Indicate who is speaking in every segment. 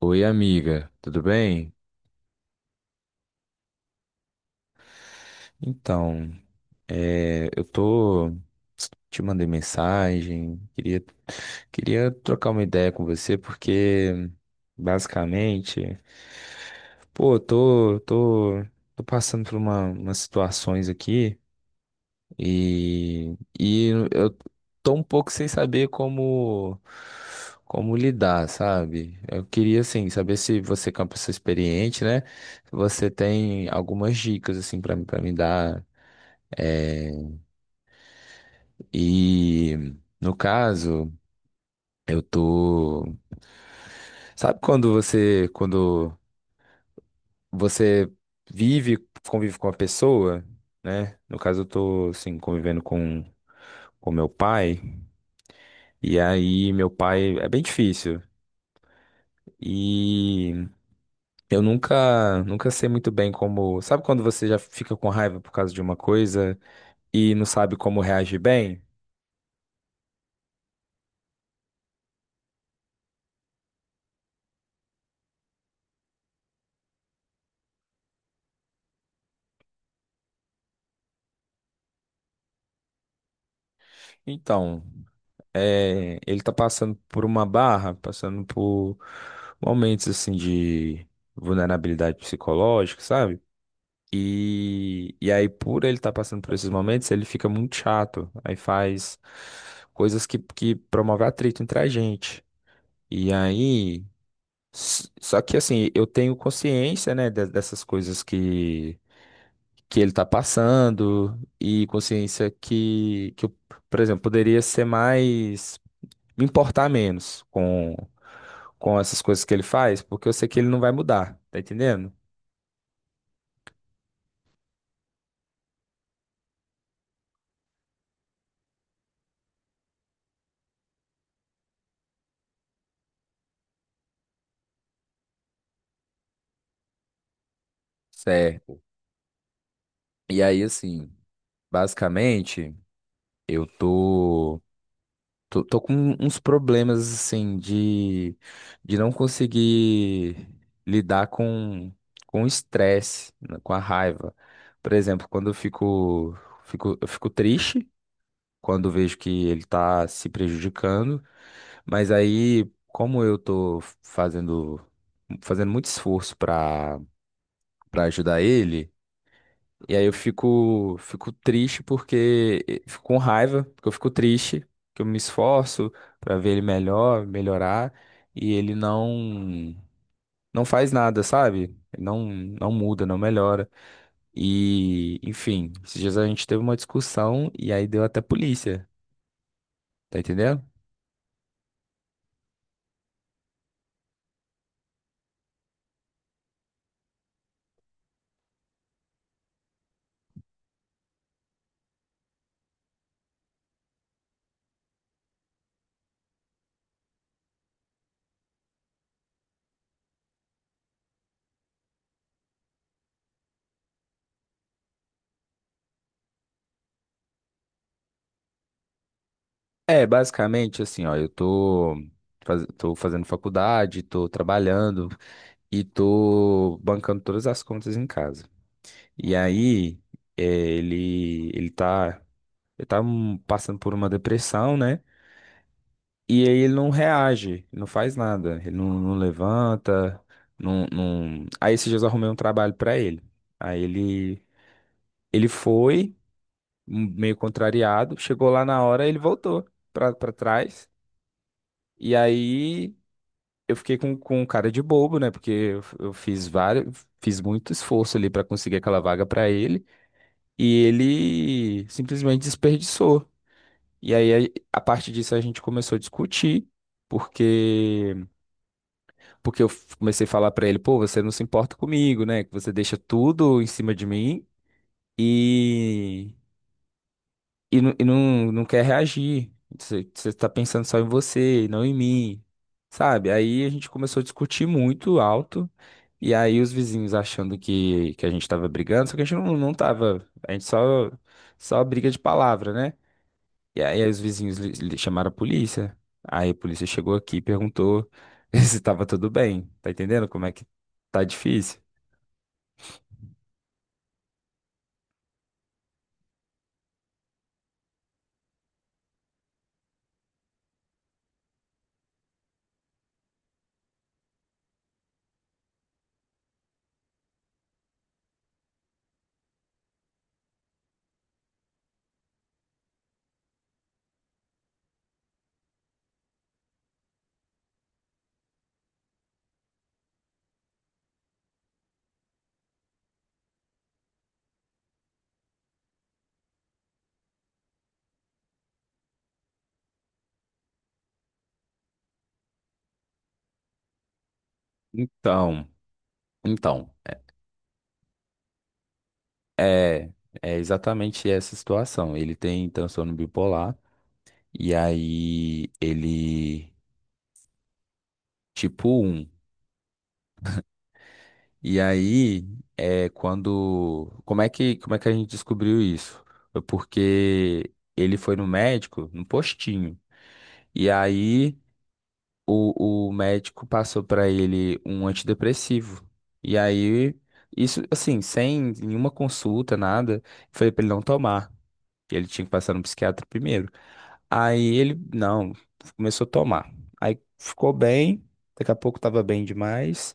Speaker 1: Oi, amiga, tudo bem? Então, eu tô. Te mandei mensagem, queria trocar uma ideia com você, porque basicamente, pô, tô passando por umas situações aqui. E eu tô um pouco sem saber como lidar, sabe? Eu queria, assim, saber se você, que é uma pessoa experiente, né? Se você tem algumas dicas, assim, pra me dar. É, e, no caso, eu tô... Sabe quando você vive, convive com uma pessoa, né? No caso, eu tô, assim, com meu pai. E aí, meu pai é bem difícil. E eu nunca sei muito bem como. Sabe quando você já fica com raiva por causa de uma coisa e não sabe como reagir bem? Então, é, ele tá passando por uma barra, passando por momentos assim de vulnerabilidade psicológica, sabe? E aí, por ele estar passando por esses momentos, ele fica muito chato. Aí faz coisas que promovem atrito entre a gente. E aí. Só que assim, eu tenho consciência, né, dessas coisas que ele tá passando e consciência que eu, por exemplo, me importar menos com essas coisas que ele faz, porque eu sei que ele não vai mudar, tá entendendo? Certo. E aí, assim, basicamente, eu tô. Tô com uns problemas, assim, de não conseguir lidar com o estresse, né, com a raiva. Por exemplo, quando eu fico, fico, eu fico triste, quando vejo que ele tá se prejudicando, mas aí, como eu tô fazendo muito esforço pra ajudar ele, e aí eu fico triste porque fico com raiva, porque eu fico triste, que eu me esforço pra ver ele melhor, melhorar, e ele não faz nada, sabe? Ele não muda, não melhora. E, enfim, esses dias a gente teve uma discussão e aí deu até polícia, tá entendendo? É, basicamente assim, ó, tô fazendo faculdade, tô trabalhando e tô bancando todas as contas em casa. E aí, eh, ele, ele tá, ele tá passando por uma depressão, né? E aí ele não reage, ele não faz nada, ele não, não levanta, não, não... Aí esses dias eu arrumei um trabalho pra ele. Aí ele foi, meio contrariado, chegou lá na hora, ele voltou pra trás. E aí eu fiquei com cara de bobo, né? Porque eu fiz vários, fiz muito esforço ali pra conseguir aquela vaga pra ele. E ele simplesmente desperdiçou. E aí, a partir disso, a gente começou a discutir, porque porque comecei a falar pra ele, pô, você não se importa comigo, né? Que você deixa tudo em cima de mim e, e não quer reagir. Você tá pensando só em você, e não em mim, sabe? Aí a gente começou a discutir muito alto, e aí os vizinhos achando que a gente tava brigando, só que a gente não tava, a gente só briga de palavra, né? E aí os vizinhos chamaram a polícia. Aí a polícia chegou aqui e perguntou se estava tudo bem. Tá entendendo como é que tá difícil? Então, então, é, é É exatamente essa situação. Ele tem transtorno bipolar e aí ele tipo um. E aí é quando como é que a gente descobriu isso? Foi porque ele foi no médico, no postinho. E aí o médico passou pra ele um antidepressivo. E aí, isso, assim, sem nenhuma consulta, nada, falei pra ele não tomar. Que ele tinha que passar no psiquiatra primeiro. Aí ele, não, começou a tomar. Aí ficou bem, daqui a pouco tava bem demais.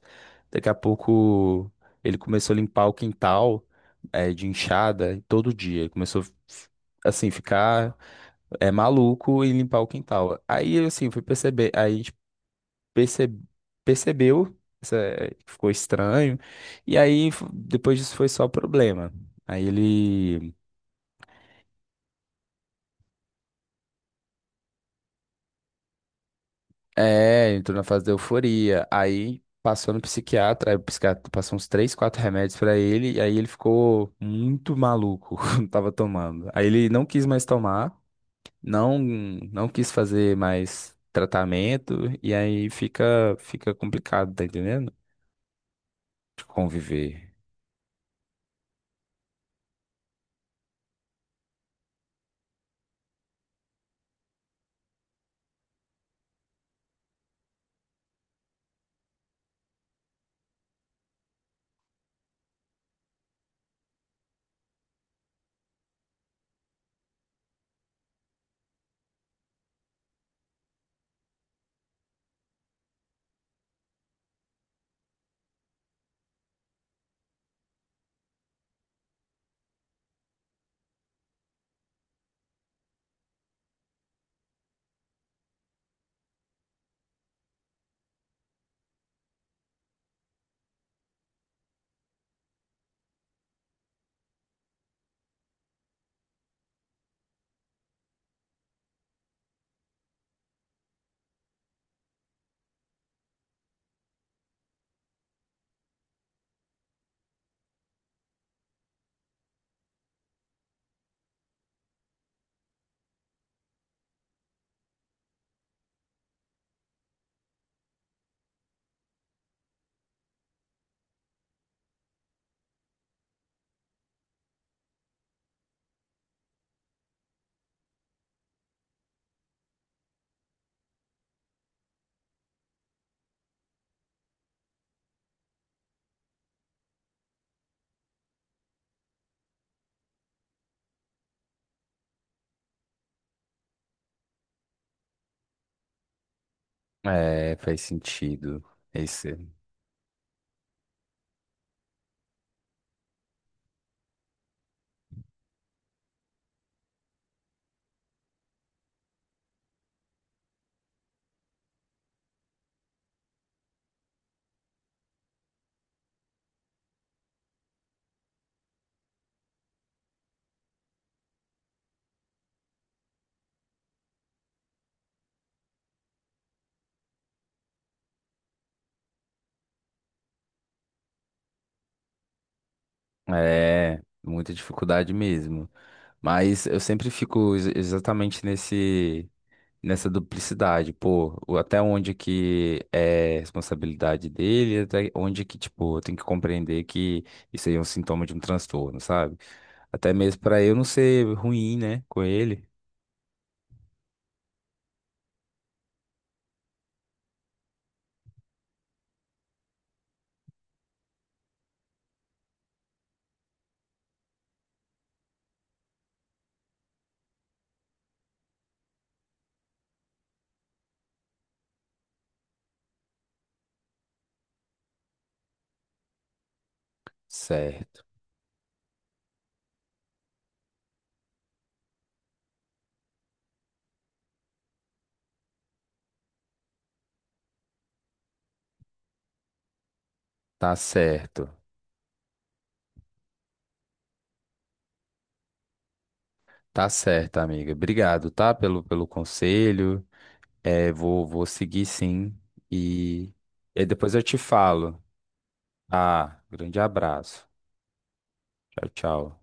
Speaker 1: Daqui a pouco ele começou a limpar o quintal de enxada todo dia. Ele começou assim, ficar é, maluco e limpar o quintal. Aí assim, fui perceber. Aí perce- percebeu, essa- que ficou estranho, e aí depois disso foi só problema. Aí ele é, entrou na fase da euforia, aí passou no psiquiatra, aí o psiquiatra passou uns três, quatro remédios pra ele, e aí ele ficou muito maluco, quando tava tomando. Aí ele não quis mais tomar, não quis fazer mais tratamento, e aí fica complicado, tá entendendo? De conviver. É, faz sentido. Esse. É, muita dificuldade mesmo. Mas eu sempre fico exatamente nesse, nessa duplicidade, pô, até onde que é responsabilidade dele, até onde que, tipo, eu tenho que compreender que isso aí é um sintoma de um transtorno, sabe? Até mesmo pra eu não ser ruim, né, com ele. Certo, tá certo. Tá certo, amiga. Obrigado, tá, pelo, pelo conselho. É, vou seguir sim. E, e aí depois eu te falo. Ah, grande abraço. Tchau, tchau.